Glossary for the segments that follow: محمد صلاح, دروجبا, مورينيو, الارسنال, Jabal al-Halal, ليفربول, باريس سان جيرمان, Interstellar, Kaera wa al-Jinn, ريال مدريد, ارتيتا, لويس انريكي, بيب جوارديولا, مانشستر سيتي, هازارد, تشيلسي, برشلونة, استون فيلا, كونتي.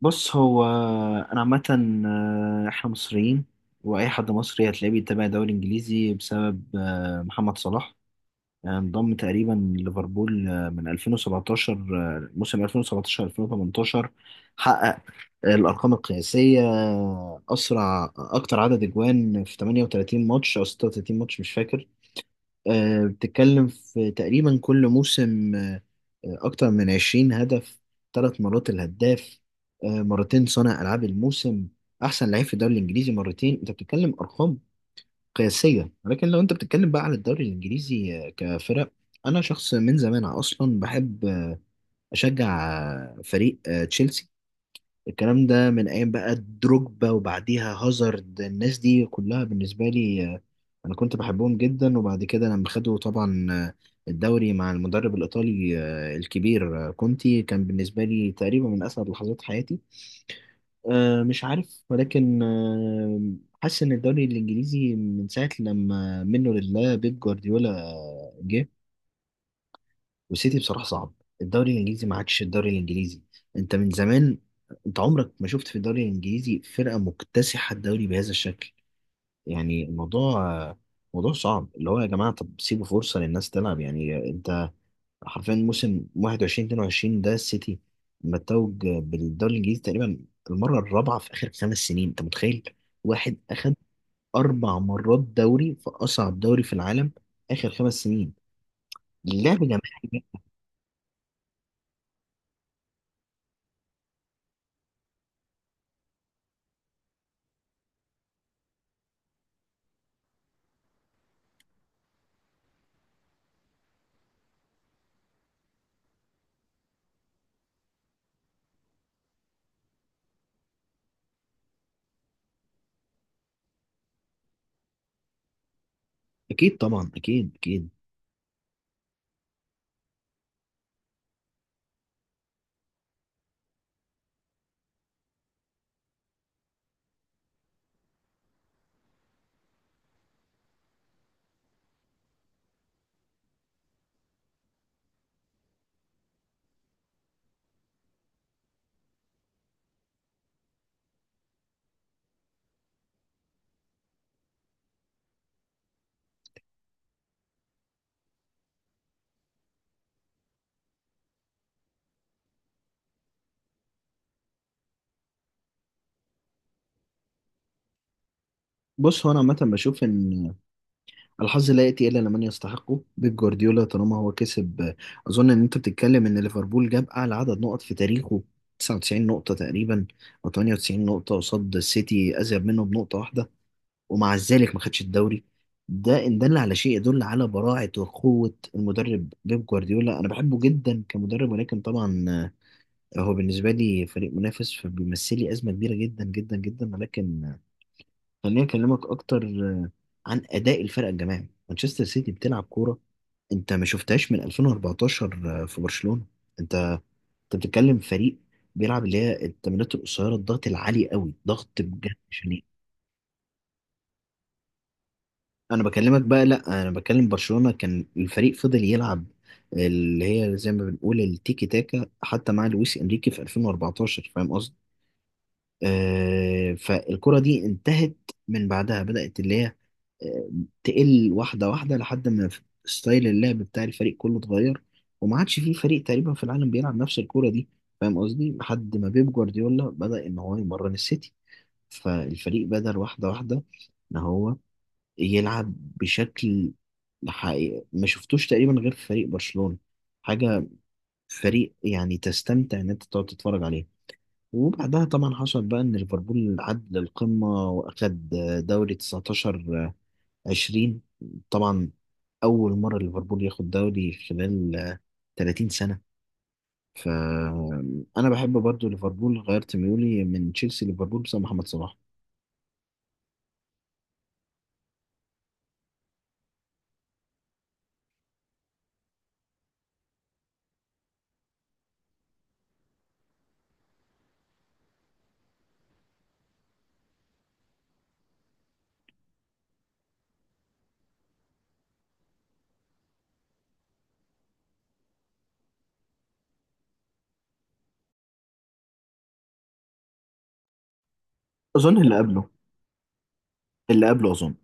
بص هو انا عامه. احنا مصريين، واي حد مصري هتلاقيه بيتابع الدوري الانجليزي بسبب محمد صلاح. انضم تقريبا ليفربول من 2017، موسم 2017 2018. حقق الارقام القياسيه، اسرع اكتر عدد اجوان في 38 ماتش او 36 ماتش، مش فاكر. بتتكلم في تقريبا كل موسم أكتر من 20 هدف، 3 مرات الهداف، مرتين صانع ألعاب الموسم، أحسن لعيب في الدوري الإنجليزي مرتين. أنت بتتكلم أرقام قياسية، ولكن لو أنت بتتكلم بقى على الدوري الإنجليزي كفرق، أنا شخص من زمان أصلا بحب أشجع فريق تشيلسي. الكلام ده من ايام بقى دروجبا وبعديها هازارد، الناس دي كلها بالنسبه لي انا كنت بحبهم جدا. وبعد كده لما خدوا طبعا الدوري مع المدرب الايطالي الكبير كونتي، كان بالنسبه لي تقريبا من اسعد لحظات حياتي. مش عارف، ولكن حاسس ان الدوري الانجليزي من ساعه لما منه لله بيب جوارديولا جه والسيتي، بصراحة صعب. الدوري الإنجليزي ما عادش الدوري الإنجليزي. أنت من زمان، أنت عمرك ما شفت في الدوري الإنجليزي فرقة مكتسحة الدوري بهذا الشكل. يعني الموضوع موضوع صعب، اللي هو يا جماعة طب سيبوا فرصة للناس تلعب. يعني أنت حرفيا موسم 21 22 ده السيتي متوج بالدوري الإنجليزي تقريبا المرة الرابعة في آخر 5 سنين. أنت متخيل واحد أخد 4 مرات دوري في أصعب دوري في العالم آخر 5 سنين؟ اللعب جماعي. أكيد طبعا، أكيد أكيد. بص هو انا عامه بشوف ان الحظ لا ياتي الا لمن يستحقه. بيب جوارديولا طالما هو كسب، اظن ان انت بتتكلم ان ليفربول جاب اعلى عدد نقط في تاريخه، 99 نقطه تقريبا او 98 نقطه قصاد السيتي، ازيد منه بنقطه واحده، ومع ذلك ما خدش الدوري. ده ان دل على شيء يدل على براعه وقوه المدرب بيب جوارديولا. انا بحبه جدا كمدرب، ولكن طبعا هو بالنسبه لي فريق منافس، فبيمثل لي ازمه كبيره جدا جدا جدا. ولكن خليني اكلمك اكتر عن اداء الفرق الجماعي. مانشستر سيتي بتلعب كوره انت ما شفتهاش من 2014 في برشلونه. انت انت بتتكلم فريق بيلعب اللي هي التمريرات القصيره، الضغط العالي قوي، ضغط بجد شنيع. انا بكلمك بقى، لا انا بكلم برشلونه. كان الفريق فضل يلعب اللي هي زي ما بنقول التيكي تاكا حتى مع لويس انريكي في 2014، فاهم؟ فالكرة دي انتهت. من بعدها بدأت اللي هي آه، تقل واحدة واحدة لحد ما ستايل اللعب بتاع الفريق كله اتغير، وما عادش فيه فريق تقريبا في العالم بيلعب نفس الكرة دي، فاهم قصدي؟ لحد ما بيب جوارديولا بدأ إن هو يمرن السيتي، فالفريق بدأ واحدة واحدة إن هو يلعب بشكل حقيقي ما شفتوش تقريبا غير في فريق برشلونة. حاجة فريق يعني تستمتع إن أنت تقعد تتفرج عليه. وبعدها طبعا حصل بقى ان ليفربول عد للقمه واخد دوري 19 20، طبعا اول مره ليفربول ياخد دوري خلال 30 سنه. فانا بحب برضو ليفربول، غيرت ميولي من تشيلسي ليفربول بسبب محمد صلاح. اظن اللي قبله اظن.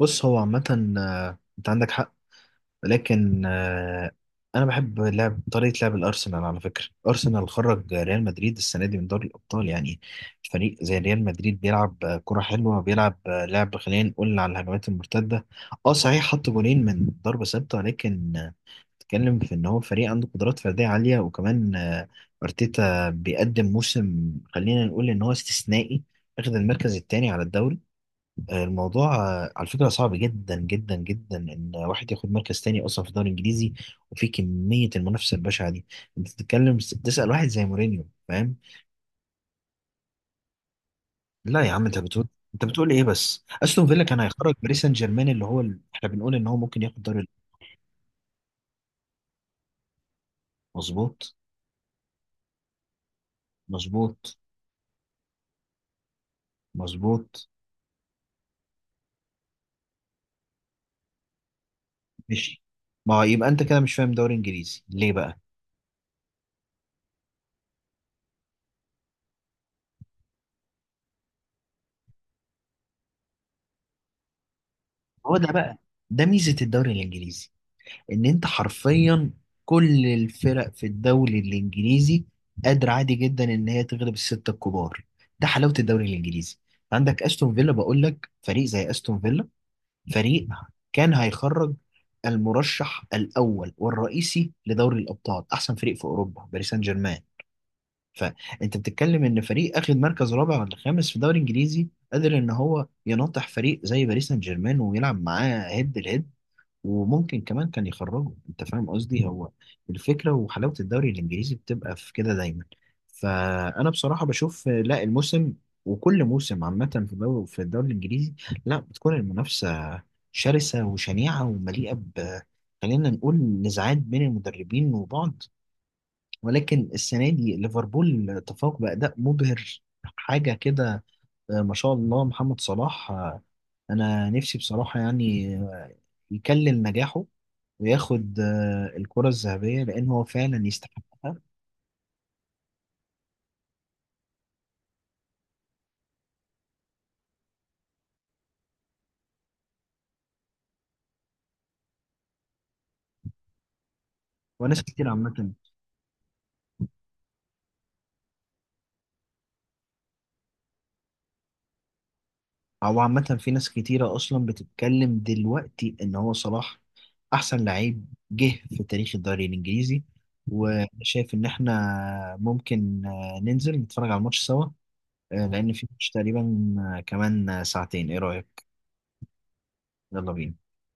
بص هو عامه، انت عندك حق، لكن انا بحب لعب طريقه لعب الارسنال. على فكره ارسنال خرج ريال مدريد السنه دي من دوري الابطال. يعني فريق زي ريال مدريد بيلعب كره حلوه، بيلعب لعب خلينا نقول على الهجمات المرتده. اه صحيح حط جولين من ضربه ثابته، لكن بتتكلم في ان هو فريق عنده قدرات فرديه عاليه، وكمان ارتيتا بيقدم موسم خلينا نقول ان هو استثنائي، اخذ المركز الثاني على الدوري. الموضوع على فكرة صعب جدا جدا جدا إن واحد ياخد مركز تاني أصلا في الدوري الإنجليزي، وفي كمية المنافسة البشعة دي. أنت بتتكلم تسأل واحد زي مورينيو، فاهم؟ لا يا عم، أنت بتقول، أنت بتقول إيه بس؟ أستون فيلا كان هيخرج باريس سان جيرمان، اللي هو ال... إحنا بنقول إن هو ممكن ياخد دوري ال-. مظبوط. مظبوط. مظبوط. ماشي. ما هو يبقى أنت كده مش فاهم دوري إنجليزي ليه بقى. هو ده بقى، ده ميزة الدوري الإنجليزي، ان انت حرفيا كل الفرق في الدوري الانجليزي قادره عادي جدا ان هي تغلب السته الكبار. ده حلاوه الدوري الانجليزي. عندك استون فيلا، بقول لك فريق زي استون فيلا، فريق كان هيخرج المرشح الاول والرئيسي لدوري الابطال، احسن فريق في اوروبا، باريس سان جيرمان. فانت بتتكلم ان فريق اخد مركز رابع ولا خامس في الدوري الانجليزي قادر ان هو يناطح فريق زي باريس سان جيرمان ويلعب معاه هيد لهيد، وممكن كمان كان يخرجوا، انت فاهم قصدي؟ هو الفكره وحلاوه الدوري الانجليزي بتبقى في كده دايما. فانا بصراحه بشوف لا الموسم وكل موسم عامه في الدوري الانجليزي لا بتكون المنافسه شرسه وشنيعه ومليئه ب خلينا نقول نزاعات بين المدربين وبعض. ولكن السنه دي ليفربول تفوق باداء مبهر، حاجه كده. ما شاء الله محمد صلاح. انا نفسي بصراحه يعني يكلم نجاحه وياخد الكرة الذهبية لأن هو فعلا يستحقها. وناس كتير عامة، أو عامة في ناس كتيرة أصلا بتتكلم دلوقتي إن هو صلاح أحسن لعيب جه في تاريخ الدوري الإنجليزي. وشايف إن إحنا ممكن ننزل نتفرج على الماتش سوا. لأن في ماتش تقريبا كمان ساعتين، إيه رأيك؟ يلا بينا.